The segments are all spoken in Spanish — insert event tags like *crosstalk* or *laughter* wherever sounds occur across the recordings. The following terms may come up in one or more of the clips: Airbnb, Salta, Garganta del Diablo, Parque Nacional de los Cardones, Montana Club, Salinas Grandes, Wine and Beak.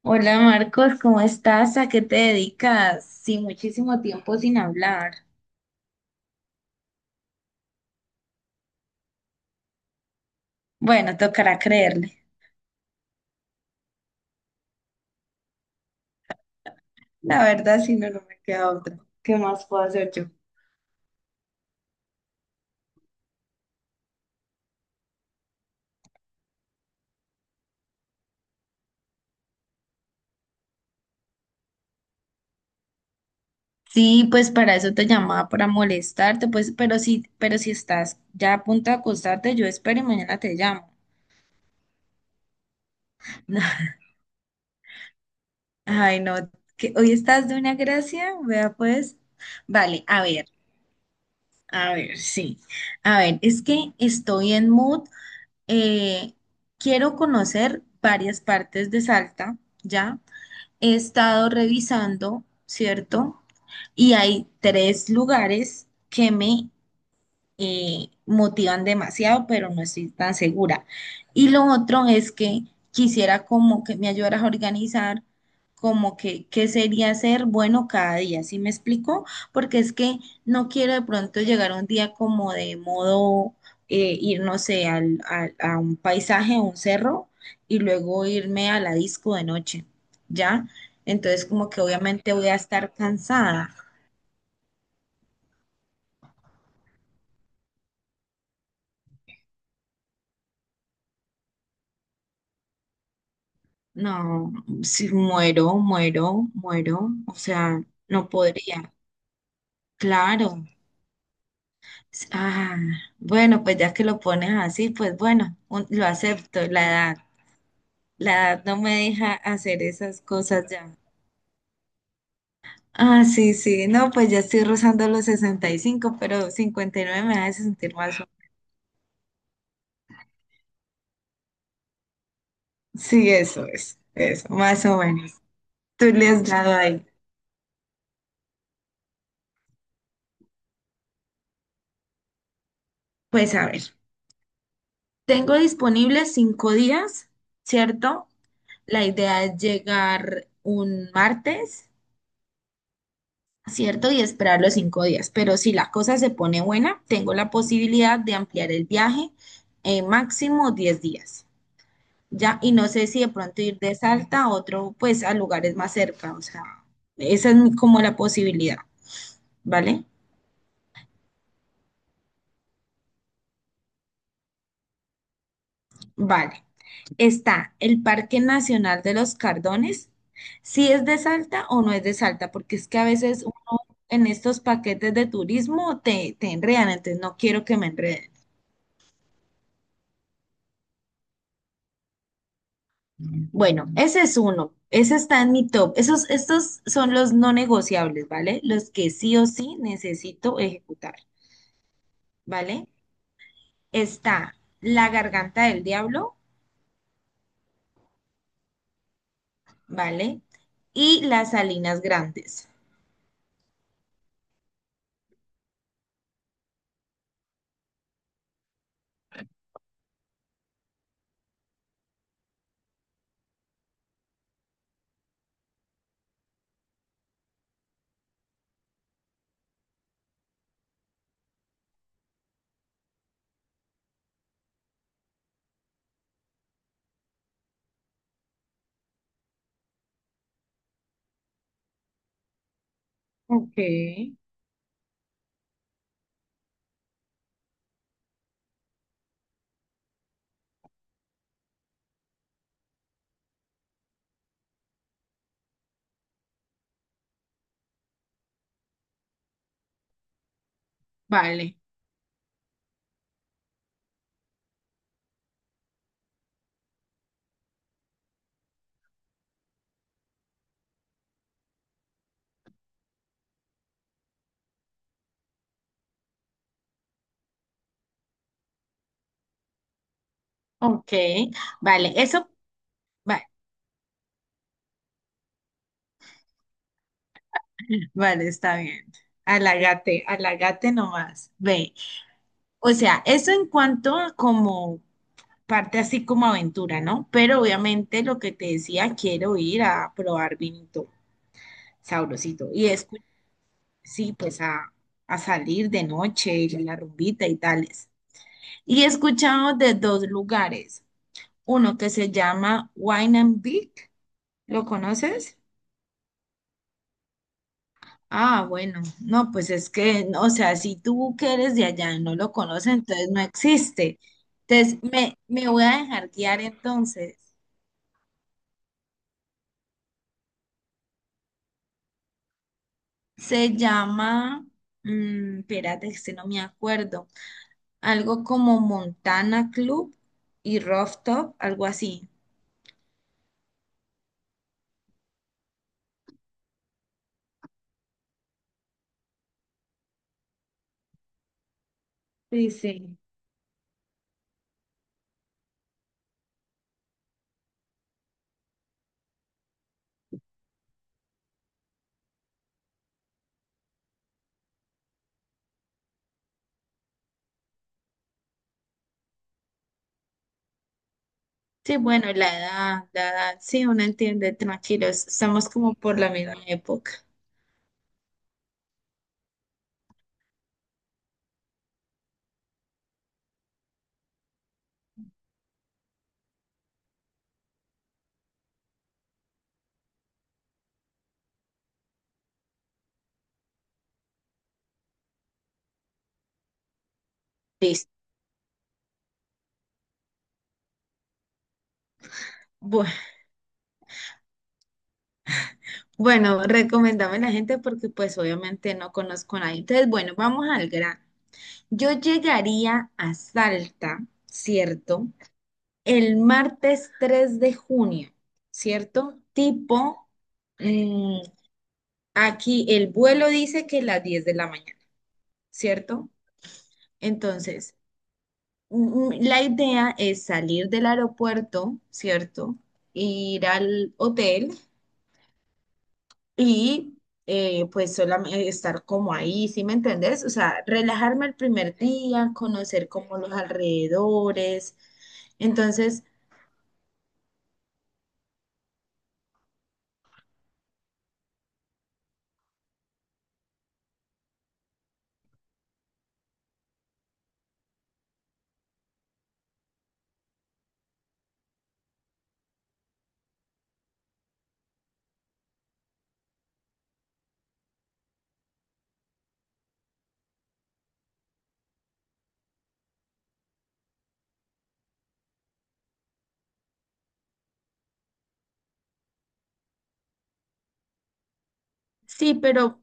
Hola Marcos, ¿cómo estás? ¿A qué te dedicas? Sí, muchísimo tiempo sin hablar. Bueno, tocará creerle. La verdad, si no, no me queda otra. ¿Qué más puedo hacer yo? Sí, pues para eso te llamaba, para molestarte, pues, pero sí, pero si estás ya a punto de acostarte, yo espero y mañana te llamo. *laughs* Ay, no, que hoy estás de una gracia, vea pues. Vale, a ver, sí. A ver, es que estoy en mood, eh, quiero conocer varias partes de Salta, ¿ya? He estado revisando, ¿cierto? Y hay tres lugares que me motivan demasiado, pero no estoy tan segura. Y lo otro es que quisiera como que me ayudaras a organizar como que qué sería ser bueno cada día, ¿sí me explico? Porque es que no quiero de pronto llegar un día como de modo, ir, no sé, a un paisaje, a un cerro, y luego irme a la disco de noche, ¿ya? Entonces como que obviamente voy a estar cansada. No, si muero, muero, muero, o sea, no podría, claro. Ah, bueno, pues ya que lo pones así, pues bueno, lo acepto, la edad no me deja hacer esas cosas ya. Ah, sí, sí, no, pues ya estoy rozando los 65, pero 59 me hace sentir más o menos. Sí, eso es, eso, más o menos. Tú le has dado ahí. Pues a ver, tengo disponibles 5 días, ¿cierto? La idea es llegar un martes, ¿cierto? Y esperar los 5 días. Pero si la cosa se pone buena, tengo la posibilidad de ampliar el viaje en máximo 10 días. Ya, y no sé si de pronto ir de Salta a otro, pues a lugares más cerca. O sea, esa es como la posibilidad, ¿vale? Vale. Está el Parque Nacional de los Cardones. Si es de Salta o no es de Salta, porque es que a veces en estos paquetes de turismo te enredan, entonces no quiero que me enreden. Bueno, ese es uno, ese está en mi top. Esos, estos son los no negociables, ¿vale? Los que sí o sí necesito ejecutar, ¿vale? Está la garganta del diablo, ¿vale? Y las salinas grandes. Ok, vale. Ok, vale, eso, vale, vale, está bien. Alagate, alagate nomás. Ve, o sea, eso en cuanto como parte así como aventura, ¿no? Pero obviamente lo que te decía, quiero ir a probar vinito sabrosito y sí, pues a salir de noche, ir a la rumbita y tales. Y he escuchado de dos lugares, uno que se llama Wine and Beak, ¿lo conoces? Ah, bueno, no, pues es que, no, o sea, si tú que eres de allá y no lo conoces, entonces no existe. Entonces, me voy a dejar guiar entonces. Se llama, espérate, este no me acuerdo, algo como Montana Club y Rooftop, algo así. Sí, sí. Sí, bueno, la edad, sí, uno entiende, tranquilos, estamos como por la misma época. Listo. Bu- Bueno, recomendame a la gente porque pues obviamente no conozco a nadie. Entonces, bueno, vamos al gran. Yo llegaría a Salta, ¿cierto? El martes 3 de junio, ¿cierto? Tipo, mm, aquí el vuelo dice que las 10 de la mañana, ¿cierto? Entonces, la idea es salir del aeropuerto, ¿cierto? Ir al hotel y pues solamente estar como ahí, ¿sí me entendés? O sea, relajarme el primer día, conocer como los alrededores. Entonces, sí, pero.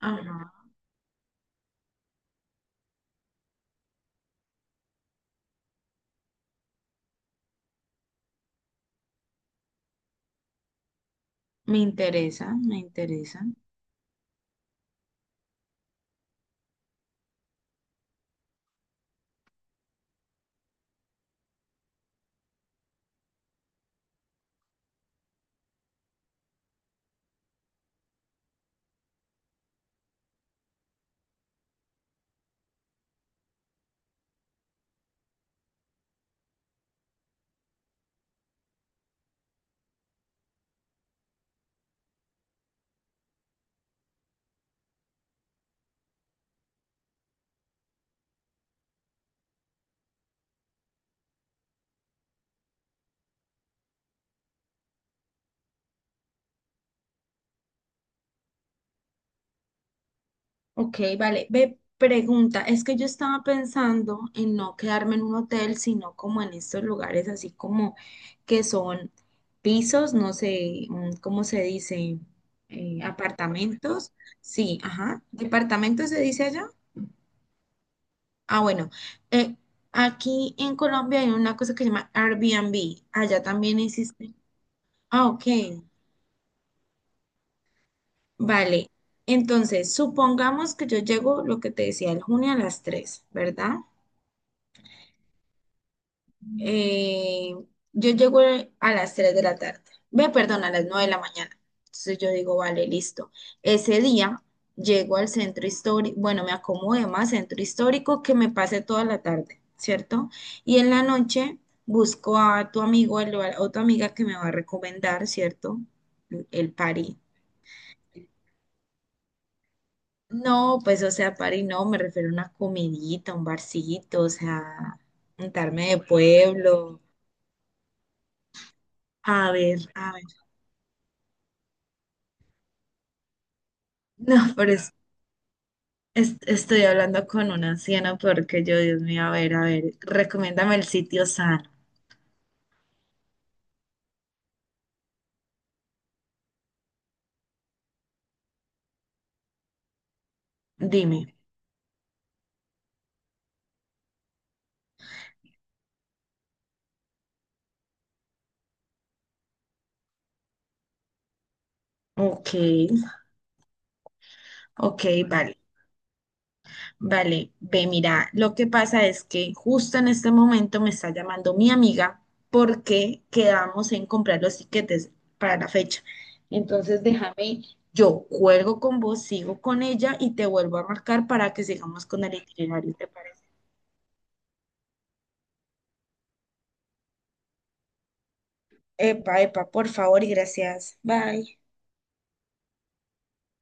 Ajá. Me interesa, me interesa. Ok, vale. Ve, pregunta, es que yo estaba pensando en no quedarme en un hotel, sino como en estos lugares así como que son pisos, no sé, ¿cómo se dice? Apartamentos. Sí, ajá. ¿Departamentos se dice allá? Ah, bueno. eh, aquí en Colombia hay una cosa que se llama Airbnb. Allá también existe. Ah, ok. Vale, entonces supongamos que yo llego, lo que te decía, el junio a las 3, ¿verdad? Eh, yo llego a las 3 de la tarde, ve, perdón, a las 9 de la mañana. Entonces yo digo, vale, listo. Ese día llego al centro histórico, bueno, me acomodo más centro histórico que me pase toda la tarde, ¿cierto? Y en la noche busco a tu amigo o a tu amiga que me va a recomendar, ¿cierto? El party. No, pues, o sea, party no, me refiero a una comidita, un barcito, o sea, untarme de pueblo. A ver, a ver. No, pero estoy hablando con una anciana porque yo, Dios mío, a ver, recomiéndame el sitio sano. Dime. Ok, ok, vale. Vale, ve, mira, lo que pasa es que justo en este momento me está llamando mi amiga porque quedamos en comprar los tiquetes para la fecha. Entonces déjame, yo cuelgo con vos, sigo con ella y te vuelvo a marcar para que sigamos con el itinerario, ¿te parece? Epa, epa, por favor y gracias. Bye.